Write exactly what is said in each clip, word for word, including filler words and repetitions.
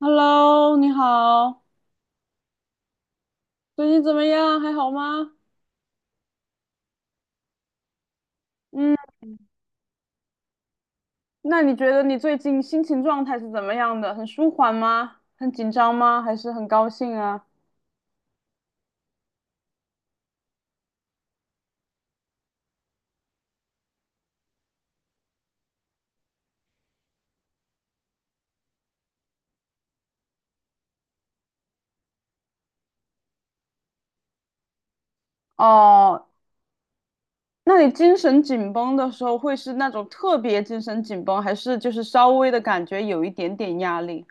Hello，你好，最近怎么样？还好吗？嗯，那你觉得你最近心情状态是怎么样的？很舒缓吗？很紧张吗？还是很高兴啊？哦，那你精神紧绷的时候会是那种特别精神紧绷，还是就是稍微的感觉有一点点压力？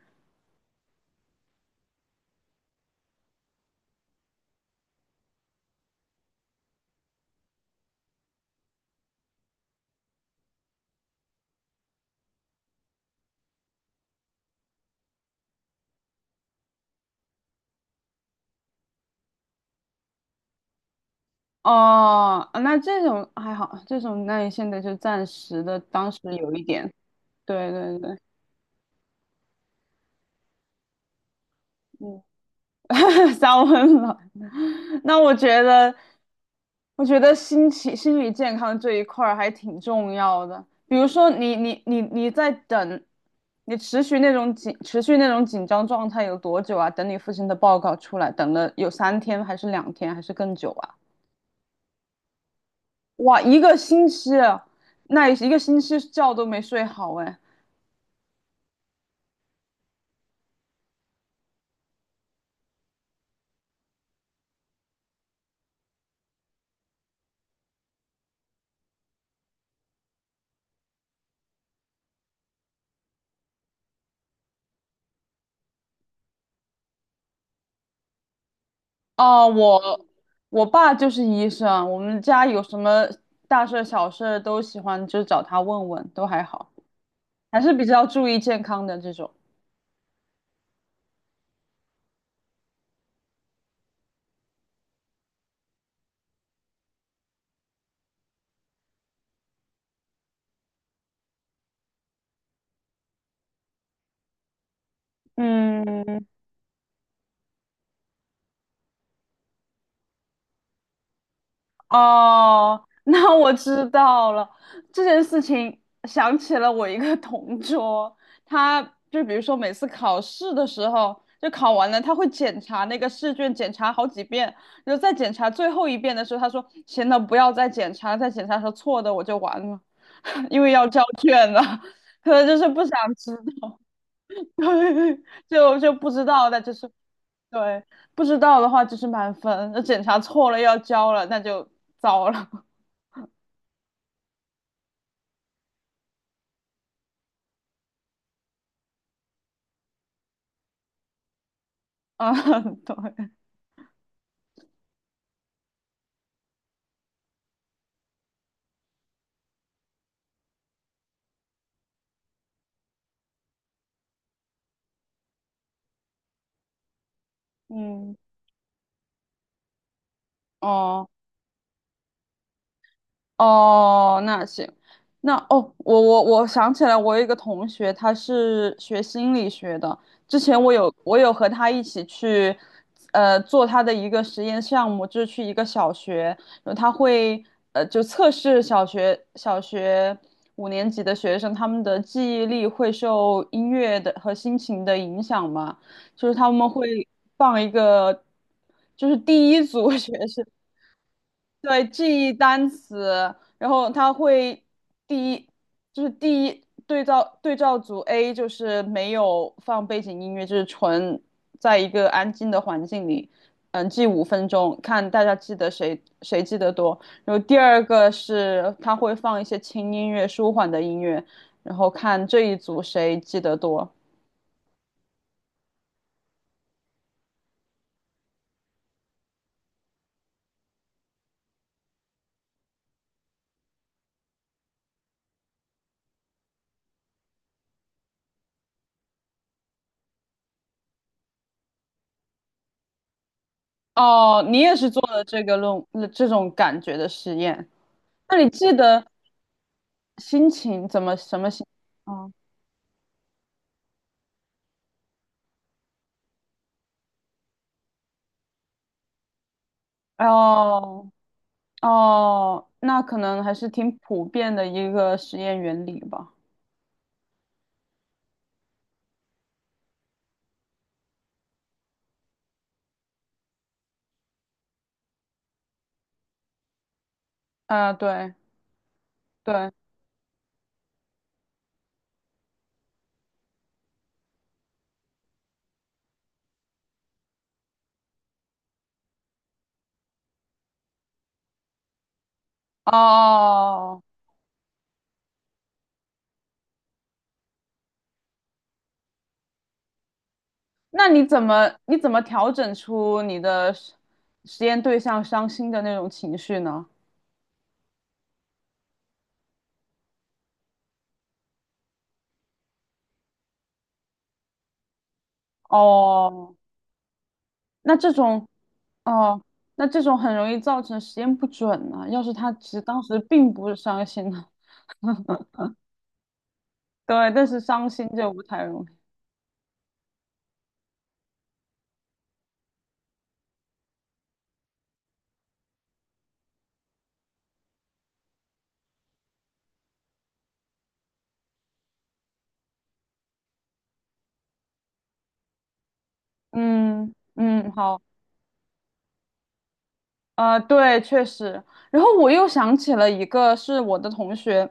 哦，那这种还好，这种那你现在就暂时的，当时有一点，对对对，嗯。烧温暖。那我觉得，我觉得心情、心理健康这一块儿还挺重要的。比如说你，你、你、你在等，你持续那种紧、持续那种紧张状态有多久啊？等你父亲的报告出来，等了有三天，还是两天，还是更久啊？哇，一个星期啊。那一个星期觉都没睡好哎。哦，我我爸就是医生，我们家有什么大事儿小事儿都喜欢就找他问问，都还好，还是比较注意健康的这种。嗯，哦，那我知道了。这件事情想起了我一个同桌，他就比如说每次考试的时候，就考完了，他会检查那个试卷，检查好几遍，然后再检查最后一遍的时候，他说：“行了，不要再检查了，再检查说错的我就完了，因为要交卷了。”可能就是不想知道，就就不知道，那就是对，不知道的话就是满分，那检查错了要交了，那就糟了。啊，对，嗯，哦哦，那行，那哦，我我我想起来，我有一个同学，他是学心理学的。之前我有我有和他一起去，呃，做他的一个实验项目，就是去一个小学，然后他会呃就测试小学小学五年级的学生，他们的记忆力会受音乐的和心情的影响嘛，就是他们会放一个。就是第一组 学生，对，记忆单词，然后它会第一就是第一对照对照组 A 就是没有放背景音乐，就是纯在一个安静的环境里，嗯，记五分钟，看大家记得谁谁记得多。然后第二个是它会放一些轻音乐、舒缓的音乐，然后看这一组谁记得多。哦，你也是做了这个论这种感觉的实验，那你记得心情怎么什么心？哦哦哦，那可能还是挺普遍的一个实验原理吧。啊，对对，哦，那你怎么你怎么调整出你的实实验对象伤心的那种情绪呢？哦，那这种哦，那这种很容易造成实验不准呢、要是他其实当时并不是伤心呢，对，但是伤心就不太容易。嗯嗯，好。啊、对，确实。然后我又想起了一个，是我的同学，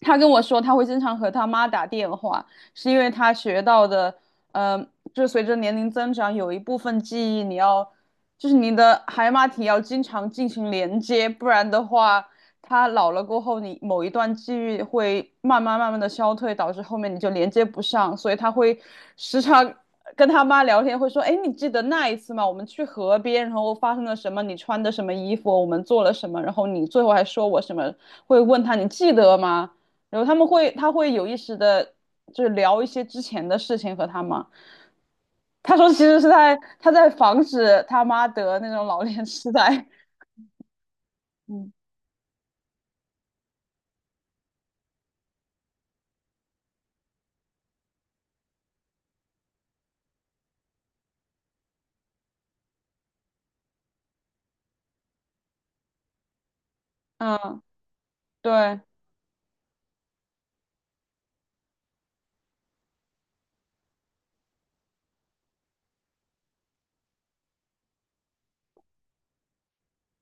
他跟我说他会经常和他妈打电话，是因为他学到的，呃，就随着年龄增长，有一部分记忆你要，就是你的海马体要经常进行连接，不然的话，他老了过后，你某一段记忆会慢慢慢慢的消退，导致后面你就连接不上，所以他会时常跟他妈聊天，会说：“哎，你记得那一次吗？我们去河边，然后发生了什么？你穿的什么衣服？我们做了什么？然后你最后还说我什么？会问他你记得吗？”然后他们会，他会有意识的，就是聊一些之前的事情和他妈。他说其实是在他在防止他妈得那种老年痴呆。嗯，嗯，对，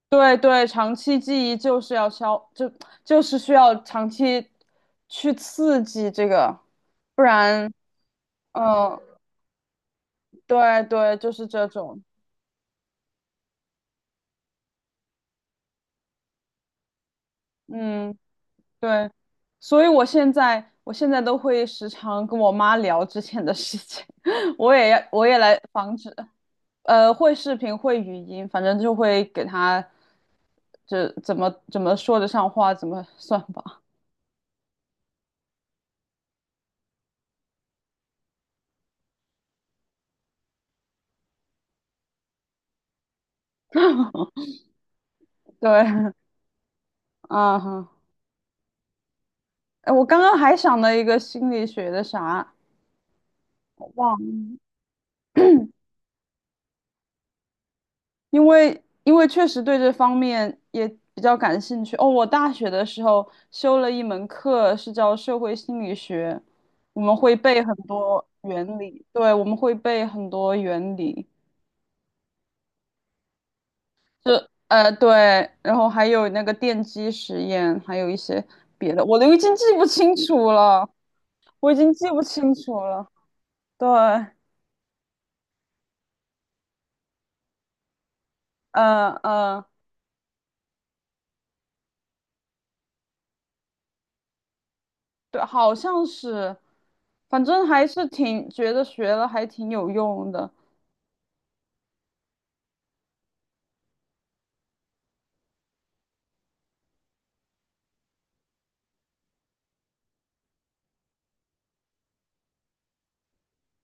对对，长期记忆就是要消，就就是需要长期去刺激这个，不然，嗯，对对，就是这种，嗯，对，所以我现在我现在都会时常跟我妈聊之前的事情，我也要，我也来防止，呃，会视频会语音，反正就会给她就怎么怎么说得上话，怎么算吧，对，啊。哎，我刚刚还想了一个心理学的啥，我忘了，因为因为确实对这方面也比较感兴趣。哦，我大学的时候修了一门课是叫社会心理学，我们会背很多原理，对，我们会背很多原理，就呃对，然后还有那个电机实验，还有一些别的，我都已经记不清楚了，我已经记不清楚了。对，呃呃，对，好像是，反正还是挺觉得学了还挺有用的。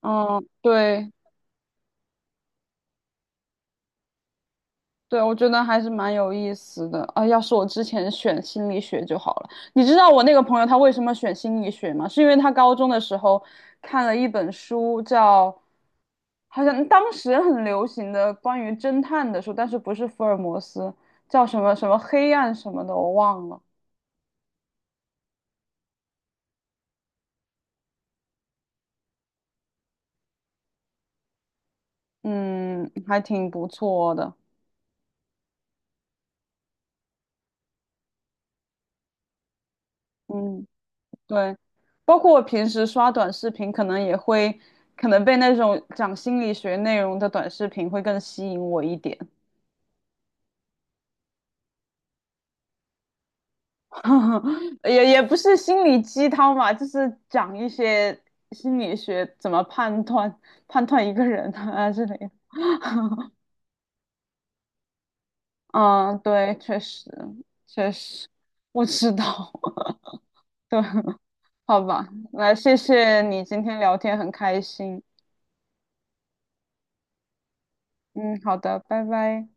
嗯，对对，我觉得还是蛮有意思的。啊，要是我之前选心理学就好了。你知道我那个朋友他为什么选心理学吗？是因为他高中的时候看了一本书叫，好像当时很流行的关于侦探的书，但是不是福尔摩斯，叫什么什么黑暗什么的，我忘了。嗯，还挺不错的。嗯。对，包括我平时刷短视频，可能也会，可能被那种讲心理学内容的短视频会更吸引我一点，也也不是心理鸡汤吧，就是讲一些心理学怎么判断判断一个人啊 之类的。嗯，对，确实确实，我知道，对，好吧，来，谢谢你今天聊天很开心，嗯，好的，拜拜。